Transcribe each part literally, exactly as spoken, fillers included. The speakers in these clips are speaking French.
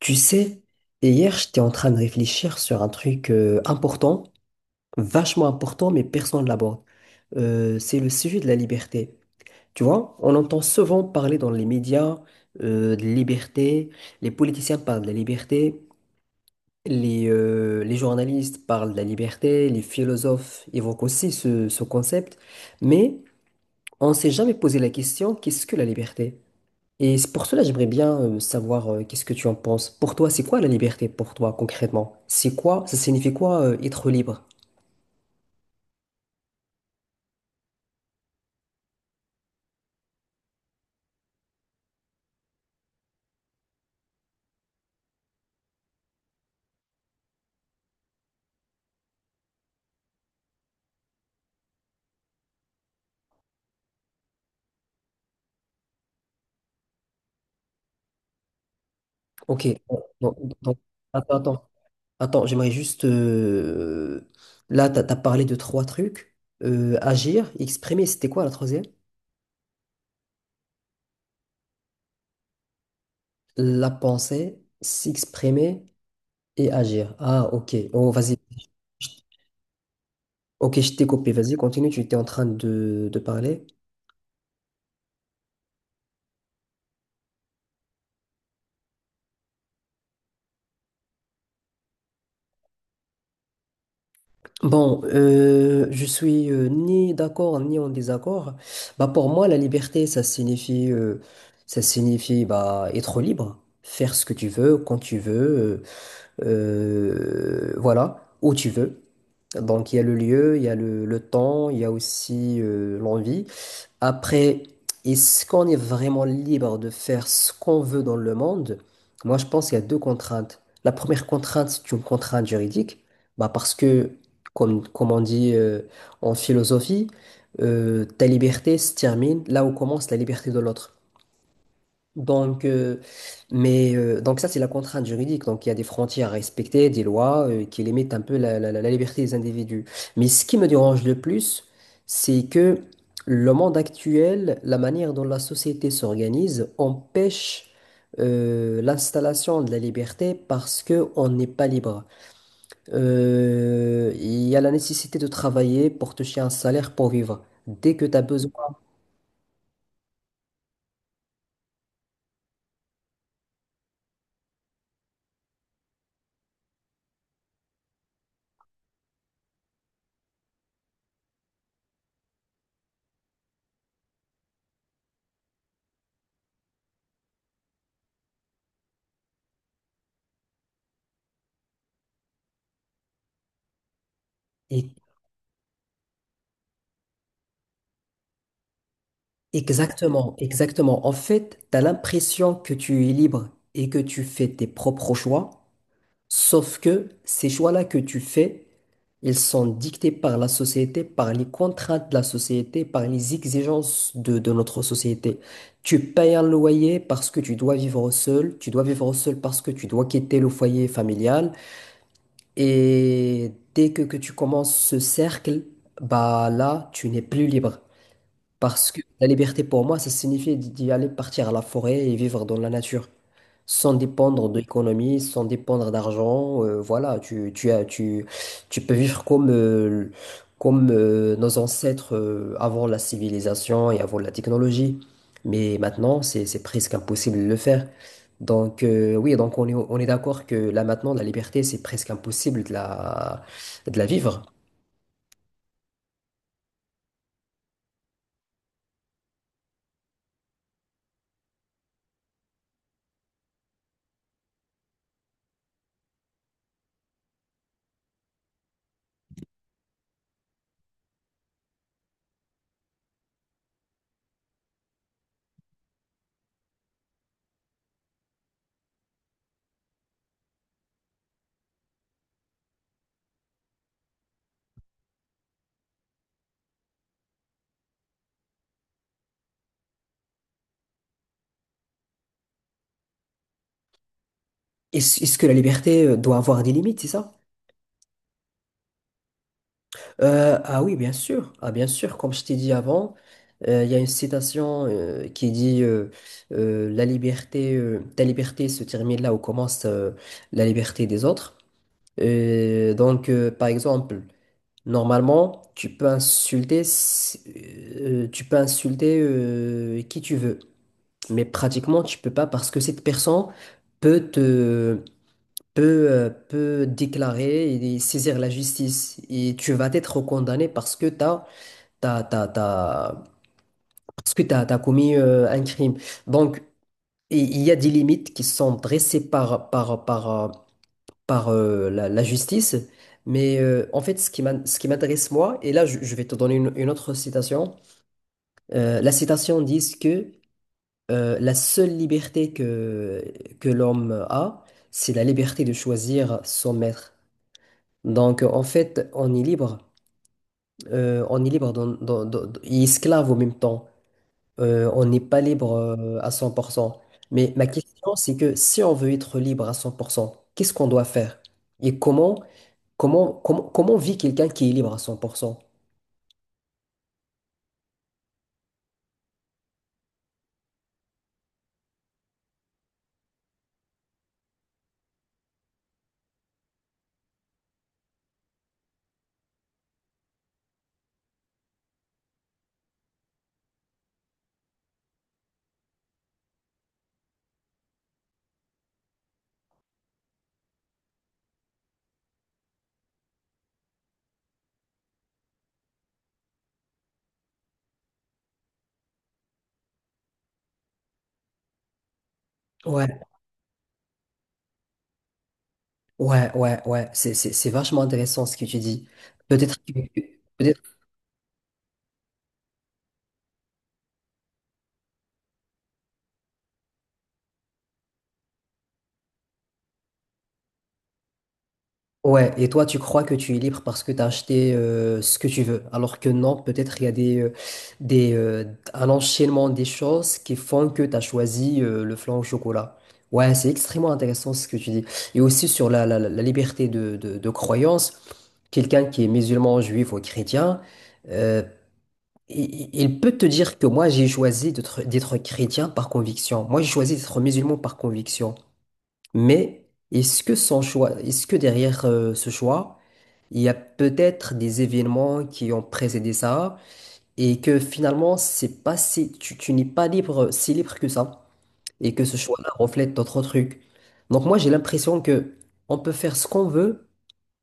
Tu sais, hier, j'étais en train de réfléchir sur un truc euh, important, vachement important, mais personne ne l'aborde. Euh, c'est le sujet de la liberté. Tu vois, on entend souvent parler dans les médias euh, de liberté, les politiciens parlent de la liberté, les, euh, les journalistes parlent de la liberté, les philosophes évoquent aussi ce, ce concept, mais on ne s'est jamais posé la question, qu'est-ce que la liberté? Et c'est pour cela, j'aimerais bien euh, savoir euh, qu'est-ce que tu en penses. Pour toi, c'est quoi la liberté pour toi concrètement? C'est quoi, ça signifie quoi euh, être libre? Ok, bon, bon, donc, attends, attends, attends, j'aimerais juste. euh, Là, tu as parlé de trois trucs. Euh, agir, exprimer, c'était quoi la troisième? La pensée, s'exprimer et agir. Ah, ok, oh, vas-y. Ok, je t'ai copié, vas-y, continue, tu étais en train de, de parler. Bon, euh, je suis euh, ni d'accord ni en désaccord. Bah pour moi, la liberté, ça signifie, euh, ça signifie bah être libre, faire ce que tu veux, quand tu veux, euh, euh, voilà, où tu veux. Donc il y a le lieu, il y a le, le temps, il y a aussi euh, l'envie. Après, est-ce qu'on est vraiment libre de faire ce qu'on veut dans le monde? Moi, je pense qu'il y a deux contraintes. La première contrainte, c'est une contrainte juridique, bah parce que, comme, comme on dit euh, en philosophie, euh, ta liberté se termine là où commence la liberté de l'autre. Donc, euh, mais, euh, donc ça, c'est la contrainte juridique. Donc, il y a des frontières à respecter, des lois euh, qui limitent un peu la, la- la la liberté des individus. Mais ce qui me dérange le plus, c'est que le monde actuel, la manière dont la société s'organise, empêche euh, l'installation de la liberté parce que on n'est pas libre. Euh, Il y a la nécessité de travailler pour toucher un salaire pour vivre. Dès que tu as besoin... Exactement, exactement. En fait, tu as l'impression que tu es libre et que tu fais tes propres choix, sauf que ces choix-là que tu fais, ils sont dictés par la société, par les contraintes de la société, par les exigences de, de notre société. Tu payes un loyer parce que tu dois vivre seul, tu dois vivre seul parce que tu dois quitter le foyer familial, et dès que, que tu commences ce cercle, bah là, tu n'es plus libre. Parce que la liberté pour moi, ça signifie d'y aller partir à la forêt et vivre dans la nature, sans dépendre de l'économie, sans dépendre d'argent. Euh, voilà, tu, tu as, tu, tu peux vivre comme, euh, comme euh, nos ancêtres euh, avant la civilisation et avant la technologie. Mais maintenant, c'est, c'est presque impossible de le faire. Donc, euh, oui, donc on est, on est d'accord que là maintenant, la liberté, c'est presque impossible de la, de la vivre. Est-ce, est-ce que la liberté euh, doit avoir des limites, c'est ça? Euh, ah oui, bien sûr. Ah, bien sûr, comme je t'ai dit avant, euh, il y a une citation euh, qui dit euh, euh, la liberté, euh, ta liberté se termine là où commence euh, la liberté des autres. Euh, donc, euh, par exemple, normalement, tu peux insulter, si- euh, tu peux insulter euh, qui tu veux, mais pratiquement, tu peux pas parce que cette personne peut te peut, euh, peut déclarer et saisir la justice et tu vas être condamné parce que tu as T'as, t'as- t'as- parce que tu as commis euh, un crime. Donc, i- il y a des limites qui sont dressées par, par, par, euh, par, euh, la, la justice. Mais euh, en fait, ce qui m'in- ce qui m'intéresse, moi, et là, je, je vais te donner une, une autre citation. Euh, la citation dit que euh, la seule liberté que, que l'homme a, c'est la liberté de choisir son maître. Donc, en fait, on est libre. Euh, on est libre, dans- dans- dans- et esclave en même temps. Euh, on n'est pas libre euh, à cent pour cent. Mais ma question, c'est que si on veut être libre à cent pour cent, qu'est-ce qu'on doit faire? Et comment, comment, comment, comment vit quelqu'un qui est libre à cent pour cent? Ouais, ouais, ouais, ouais. C'est, c'est, c'est vachement intéressant ce que tu dis. Peut-être que, peut-être Ouais, et toi, tu crois que tu es libre parce que tu as acheté euh, ce que tu veux, alors que non, peut-être il y a des, euh, des, euh, un enchaînement des choses qui font que tu as choisi euh, le flan au chocolat. Ouais, c'est extrêmement intéressant ce que tu dis. Et aussi sur la, la, la liberté de, de, de croyance, quelqu'un qui est musulman, juif ou chrétien, euh, il, il peut te dire que moi, j'ai choisi d'être d'être chrétien par conviction. Moi, j'ai choisi d'être musulman par conviction. Mais est-ce que son choix, est-ce que derrière euh, ce choix, il y a peut-être des événements qui ont précédé ça et que finalement, c'est pas si, tu, tu n'es pas libre, si libre que ça et que ce choix-là reflète d'autres trucs. Donc moi, j'ai l'impression que on peut faire ce qu'on veut,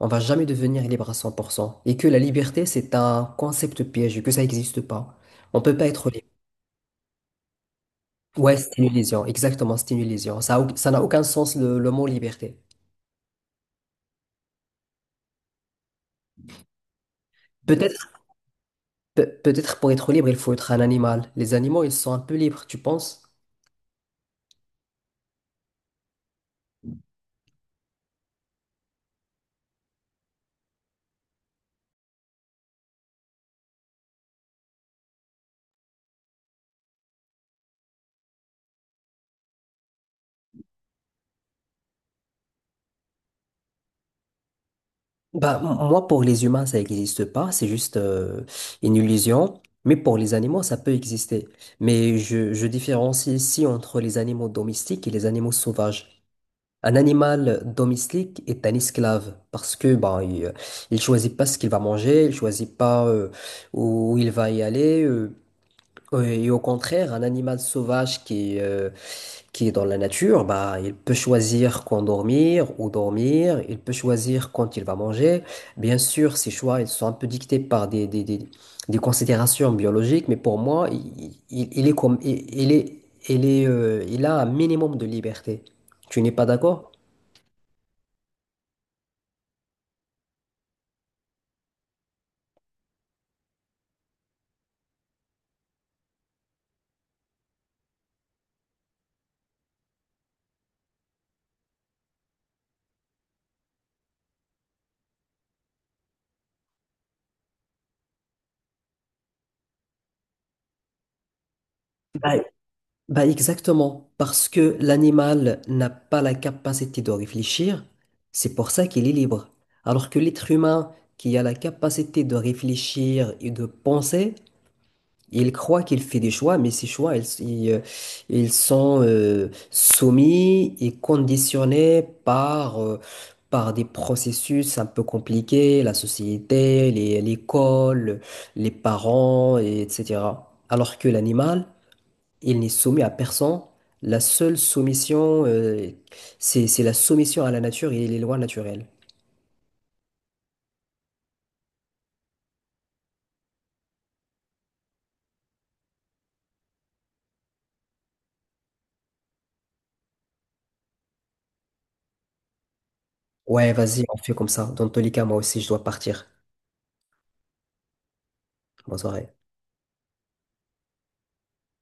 on va jamais devenir libre à cent pour cent et que la liberté, c'est un concept piège, que ça n'existe pas. On peut pas être libre. Ouais, c'est une illusion, exactement, c'est une illusion. Ça, a au- ça n'a aucun sens le le mot liberté. Peut-être Pe- peut-être pour être libre, il faut être un animal. Les animaux, ils sont un peu libres, tu penses? Bah, m- moi, pour les humains, ça n'existe pas, c'est juste euh, une illusion. Mais pour les animaux, ça peut exister. Mais je, je différencie ici entre les animaux domestiques et les animaux sauvages. Un animal domestique est un esclave parce que ben il, euh, il choisit pas ce qu'il va manger, il choisit pas euh, où il va y aller. Euh, et au contraire, un animal sauvage qui, qui est dans la nature, bah, il peut choisir quand dormir ou dormir, il peut choisir quand il va manger. Bien sûr, ces choix, ils sont un peu dictés par des, des, des, des considérations biologiques, mais pour moi, il, il- il est comme, il, il est, il est, euh, il a un minimum de liberté. Tu n'es pas d'accord? Bah, bah exactement, parce que l'animal n'a pas la capacité de réfléchir, c'est pour ça qu'il est libre. Alors que l'être humain qui a la capacité de réfléchir et de penser, il croit qu'il fait des choix, mais ces choix, ils, ils, euh, ils sont euh, soumis et conditionnés par, euh, par des processus un peu compliqués, la société, les- l'école, les parents, et etc. Alors que l'animal, il n'est soumis à personne. La seule soumission, euh, c'est, c'est la soumission à la nature et les lois naturelles. Ouais, vas-y, on fait comme ça. Dans tous les cas, moi aussi, je dois partir. Bonne soirée.